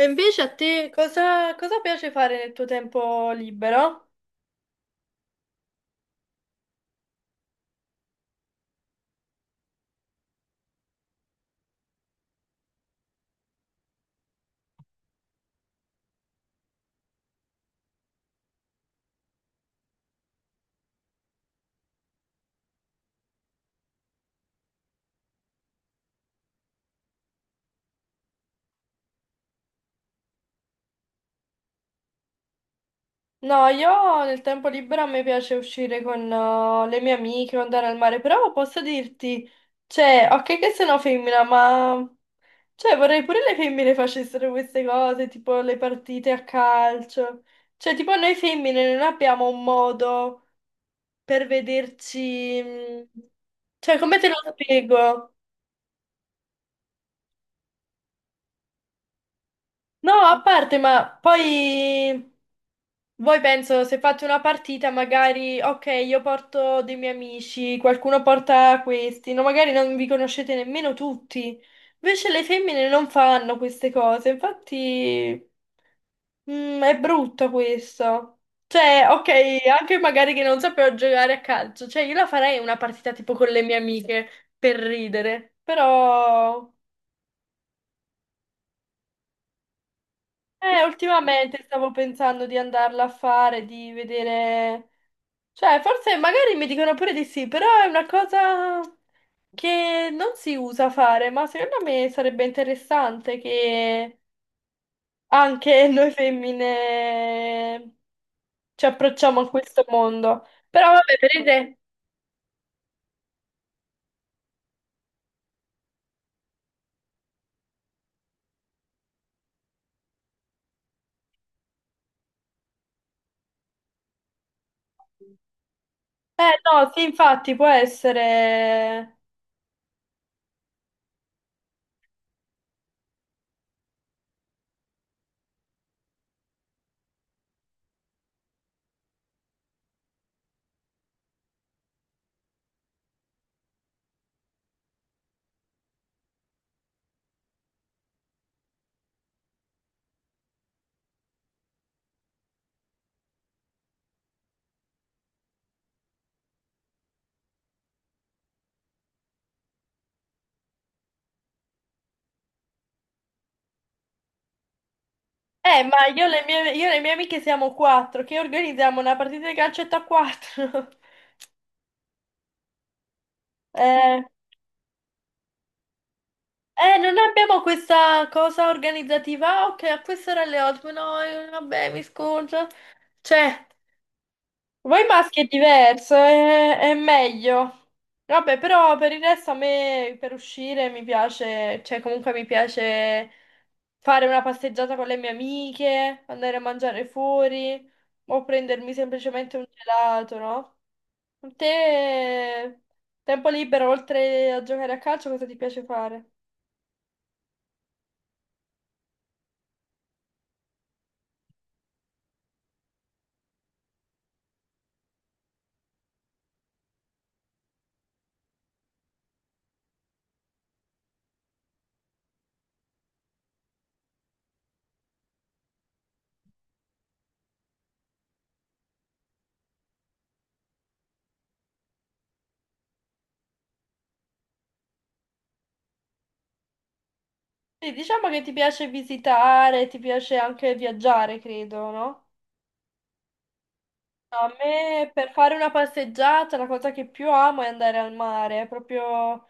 E invece a te cosa piace fare nel tuo tempo libero? No, io nel tempo libero a me piace uscire con le mie amiche o andare al mare, però posso dirti, cioè, ok che sono femmina, ma cioè, vorrei pure le femmine facessero queste cose, tipo le partite a calcio. Cioè, tipo noi femmine non abbiamo un modo per vederci. Cioè, come te lo spiego? No, a parte, ma poi... Voi penso, se fate una partita, magari, ok, io porto dei miei amici, qualcuno porta questi, no, magari non vi conoscete nemmeno tutti. Invece le femmine non fanno queste cose, infatti, è brutto questo. Cioè, ok, anche magari che non sapevo giocare a calcio, cioè io la farei una partita tipo con le mie amiche per ridere, però, ultimamente stavo pensando di andarla a fare, di vedere. Cioè, forse magari mi dicono pure di sì, però è una cosa che non si usa fare, ma secondo me sarebbe interessante che anche noi femmine ci approcciamo a questo mondo. Però vabbè, per il re... Eh no, sì, infatti può essere... ma io e le mie amiche siamo quattro, che organizziamo una partita di calcetto a quattro. Eh... non abbiamo questa cosa organizzativa? Ok, a quest'ora alle 8, no, vabbè, mi scuso. Cioè, voi maschi è diverso, è meglio. Vabbè, però per il resto a me per uscire mi piace, cioè comunque mi piace fare una passeggiata con le mie amiche, andare a mangiare fuori o prendermi semplicemente un gelato, no? Te, tempo libero, oltre a giocare a calcio, cosa ti piace fare? Sì, diciamo che ti piace visitare, ti piace anche viaggiare, credo, no? A me per fare una passeggiata la cosa che più amo è andare al mare, proprio...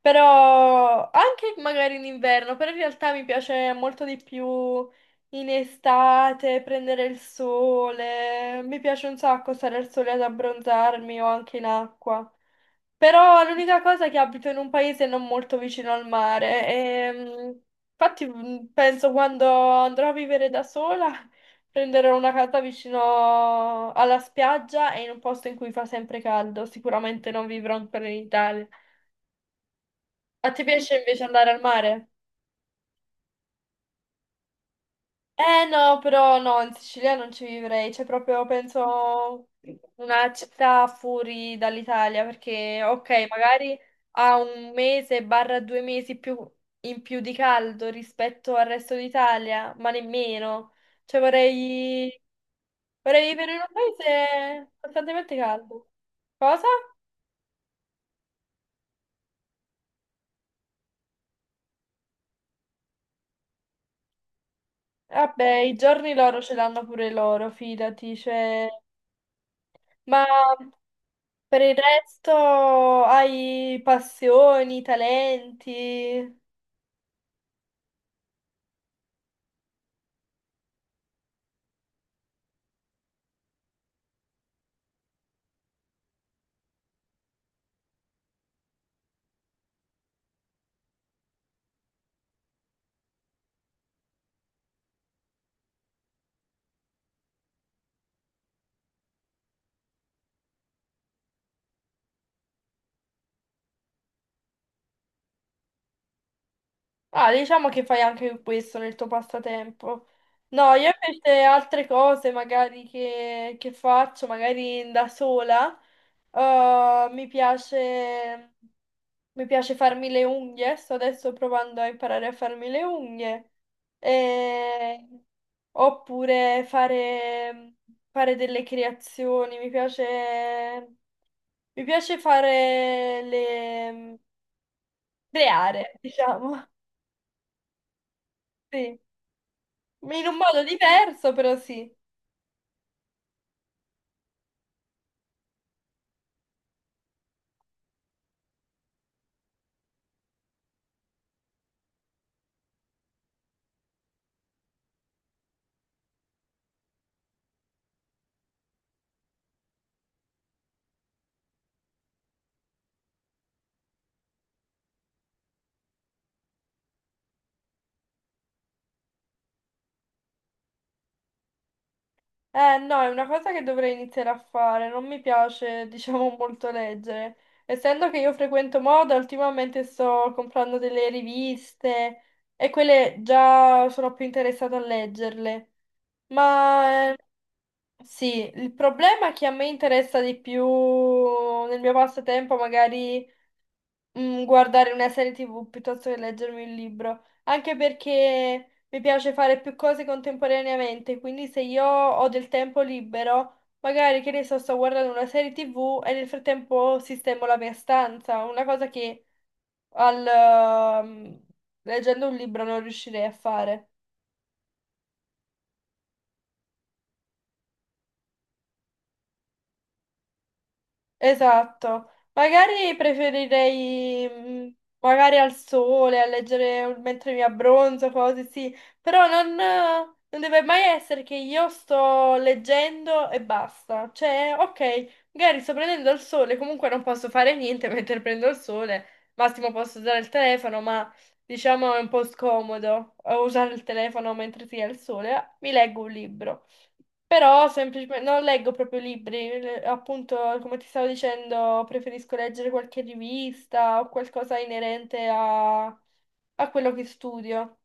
Però anche magari in inverno, però in realtà mi piace molto di più in estate, prendere il sole. Mi piace un sacco stare al sole ad abbronzarmi o anche in acqua. Però l'unica cosa è che abito in un paese non molto vicino al mare e infatti penso quando andrò a vivere da sola prenderò una casa vicino alla spiaggia e in un posto in cui fa sempre caldo, sicuramente non vivrò ancora in Italia. A te piace invece andare al mare? Eh no, però no, in Sicilia non ci vivrei, c'è proprio, penso, una città fuori dall'Italia, perché ok, magari ha un mese barra due mesi più, in più di caldo rispetto al resto d'Italia, ma nemmeno. Cioè vorrei, vorrei vivere in un paese costantemente caldo. Cosa? Vabbè, i giorni loro ce l'hanno pure loro, fidati, cioè... Ma per il resto hai passioni, talenti? Ah, diciamo che fai anche questo nel tuo passatempo. No, io invece altre cose magari che faccio, magari da sola, eh, mi piace, mi piace farmi le unghie, sto adesso provando a imparare a farmi le unghie, E- oppure fare, fare delle creazioni, mi piace fare le... creare, diciamo, sì. In un modo diverso, però sì. No, è una cosa che dovrei iniziare a fare. Non mi piace, diciamo, molto leggere. Essendo che io frequento moda, ultimamente sto comprando delle riviste e quelle già sono più interessata a leggerle. Ma sì, il problema è che a me interessa di più nel mio passatempo magari guardare una serie TV piuttosto che leggermi un libro, anche perché mi piace fare più cose contemporaneamente, quindi se io ho del tempo libero, magari che ne so, sto guardando una serie TV e nel frattempo sistemo la mia stanza, una cosa che al, ehm, leggendo un libro non riuscirei a fare. Esatto, magari preferirei magari al sole, a leggere un- mentre mi abbronzo, cose sì, però non, non deve mai essere che io sto leggendo e basta. Cioè, ok, magari sto prendendo il sole, comunque non posso fare niente mentre prendo il sole, massimo posso usare il telefono, ma diciamo è un po' scomodo usare il telefono mentre si ha il sole, mi leggo un libro. Però semplicemente non leggo proprio libri, le- appunto, come ti stavo dicendo, preferisco leggere qualche rivista o qualcosa inerente a quello che studio.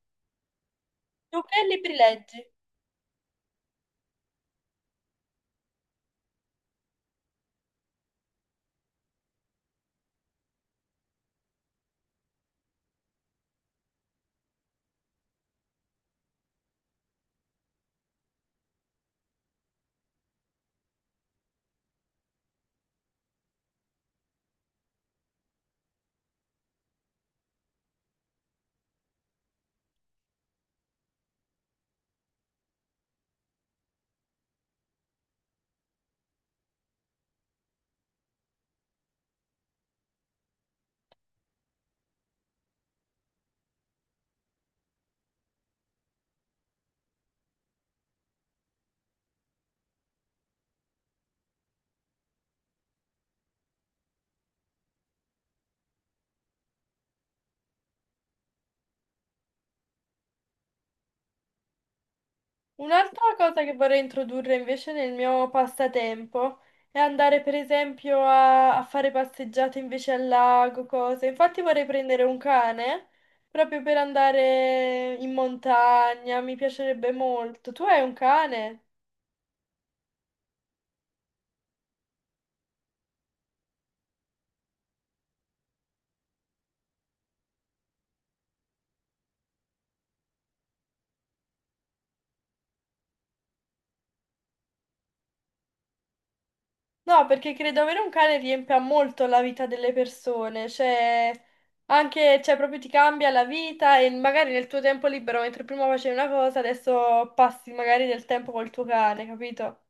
Tu che libri leggi? Un'altra cosa che vorrei introdurre invece nel mio passatempo è andare per esempio a fare passeggiate invece al lago, cose. Infatti vorrei prendere un cane proprio per andare in montagna, mi piacerebbe molto. Tu hai un cane? No, perché credo avere un cane riempia molto la vita delle persone, cioè anche, cioè proprio ti cambia la vita e magari nel tuo tempo libero, mentre prima facevi una cosa, adesso passi magari del tempo col tuo cane, capito?